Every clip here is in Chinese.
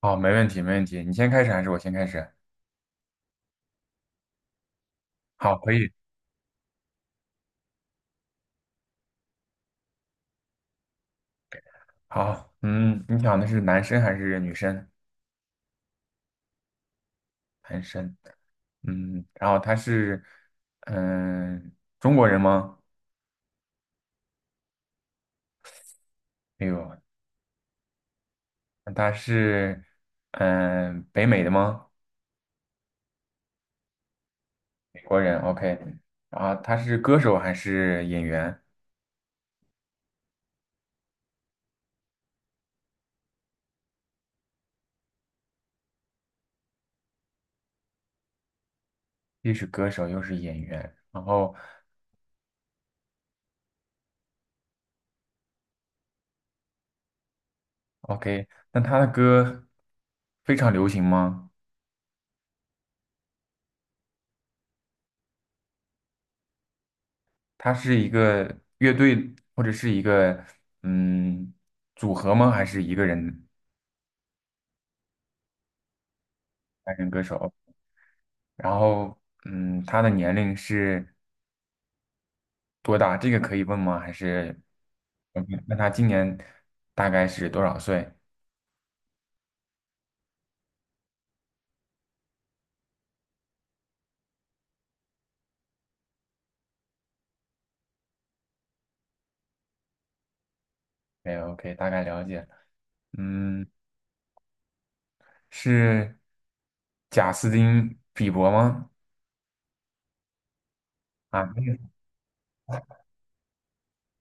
好，没问题，没问题。你先开始还是我先开始？好，可以。好，你想的是男生还是女生？男生。嗯，然后他是，嗯，中国人吗？没有，那他是，嗯，北美的吗？美国人。OK。然后他是歌手还是演员？既是歌手又是演员。然后，OK，那他的歌非常流行吗？他是一个乐队或者是一个嗯组合吗？还是一个人单人歌手？然后嗯，他的年龄是多大？这个可以问吗？还是 OK？那他今年大概是多少岁？OK OK，大概了解嗯，是贾斯汀比伯吗？啊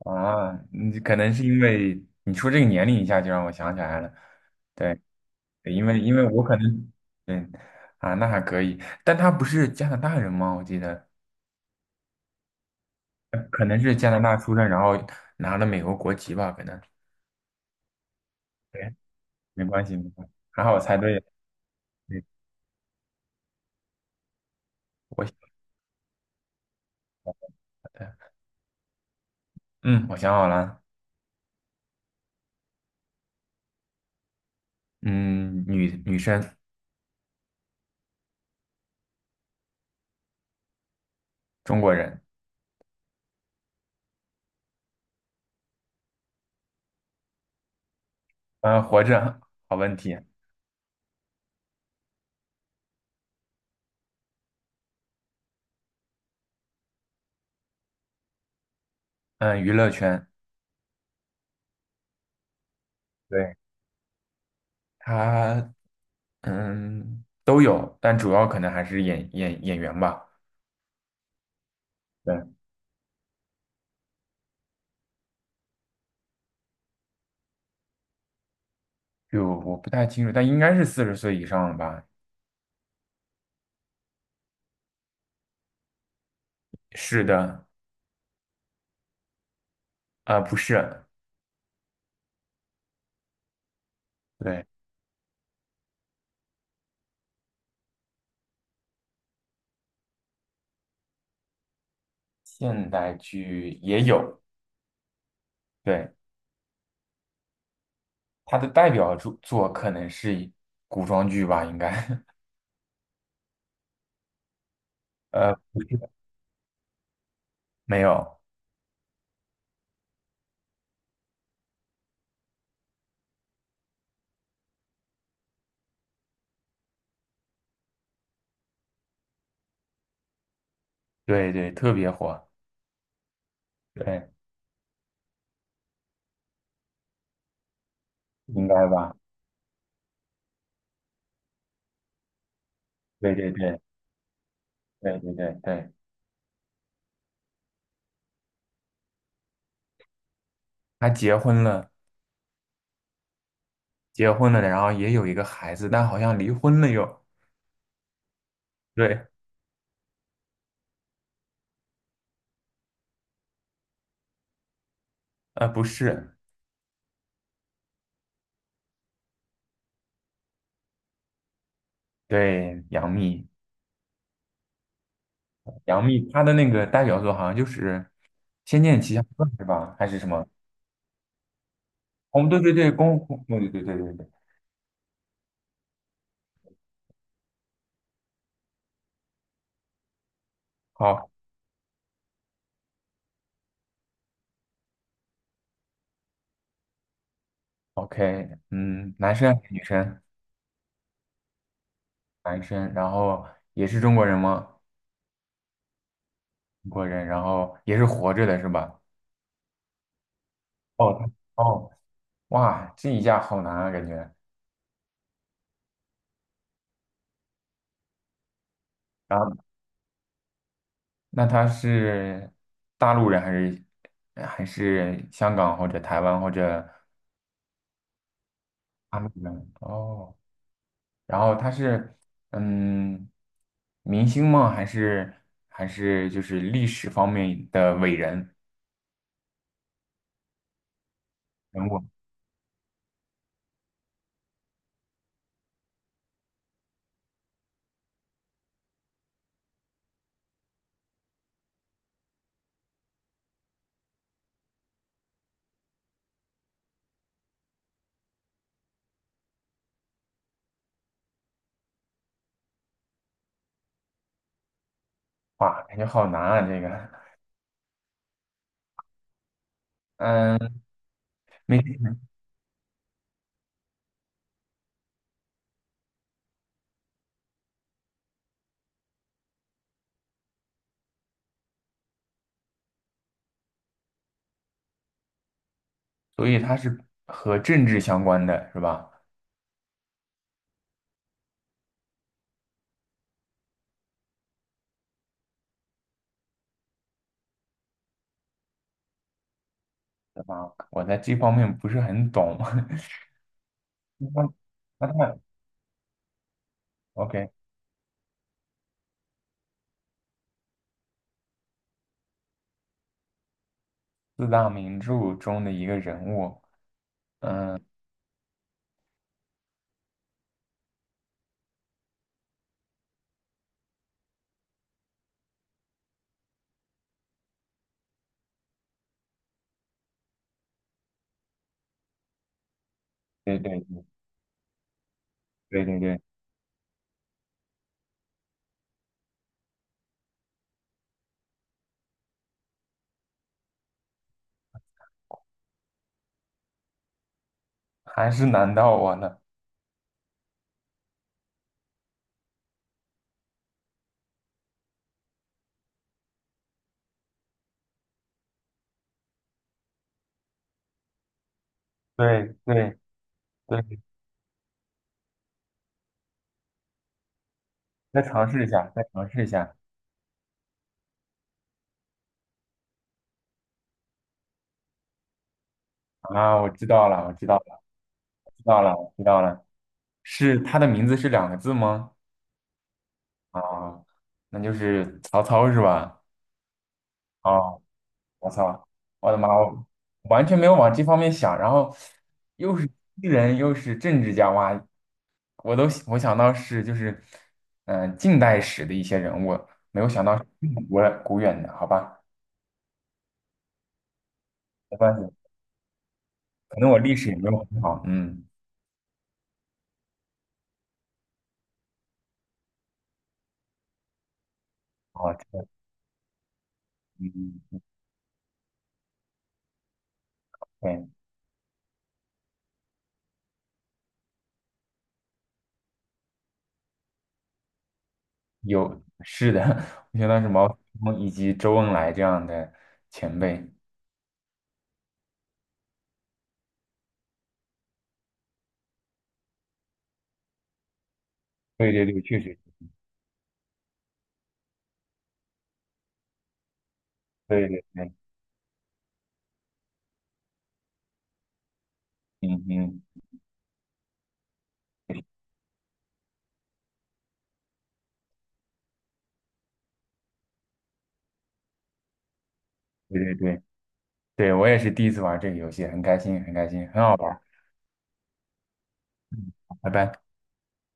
啊，你可能是因为你说这个年龄一下就让我想起来了。对。对因为我可能，对，啊，那还可以，但他不是加拿大人吗？我记得，可能是加拿大出生，然后拿了美国国籍吧，可能。对，没关系，没关系，还好我猜对了。对，我想的，嗯，我想好了，嗯，女生，中国人，活着，好问题，嗯，娱乐圈，对，他，嗯，都有，但主要可能还是演员吧。对，就我不太清楚，但应该是四十岁以上了吧？是的。啊，不是，对，现代剧也有，对，它的代表作可能是古装剧吧，应该，呃，不是，没有，对对，特别火，对，应该吧，对对对对对对对，他结婚了，结婚了，然后也有一个孩子，但好像离婚了又，对，呃，不是，对，杨幂，杨幂她的那个代表作好像就是《仙剑奇侠传》是吧？还是什么？哦，对对对，功夫，对对对对对对，好。OK，嗯，男生还是女生？男生，然后也是中国人吗？中国人，然后也是活着的是吧？哦，他哦，哇，这一下好难啊，感觉。然后，那他是大陆人还是还是香港或者台湾或者大陆人？哦，然后他是嗯，明星吗？还是就是历史方面的伟人人物？哇，感觉好难啊，这个。嗯。没。所以它是和政治相关的，是吧？对吧？我在这方面不是很懂。那那他 OK，四大名著中的一个人物，嗯，对对对对对对，还是难到我了。对对对，再尝试一下，再尝试一下啊！我知道了，我知道了，我知道了，我知道了。是他的名字是两个字吗？啊，那就是曹操是吧？哦。我操，我的妈，我完全没有往这方面想，然后又是诗人又是政治家，哇，我想到是就是近代史的一些人物，没有想到是这么古古远的，好吧，没关系，可能我历史也没有很好，嗯，好，这个嗯，嗯对，有是的，我想到是毛泽东以及周恩来这样的前辈，对对对，确实，对对对，嗯嗯，对对对。对，我也是第一次玩这个游戏，很开心，很开心，很好玩，拜拜。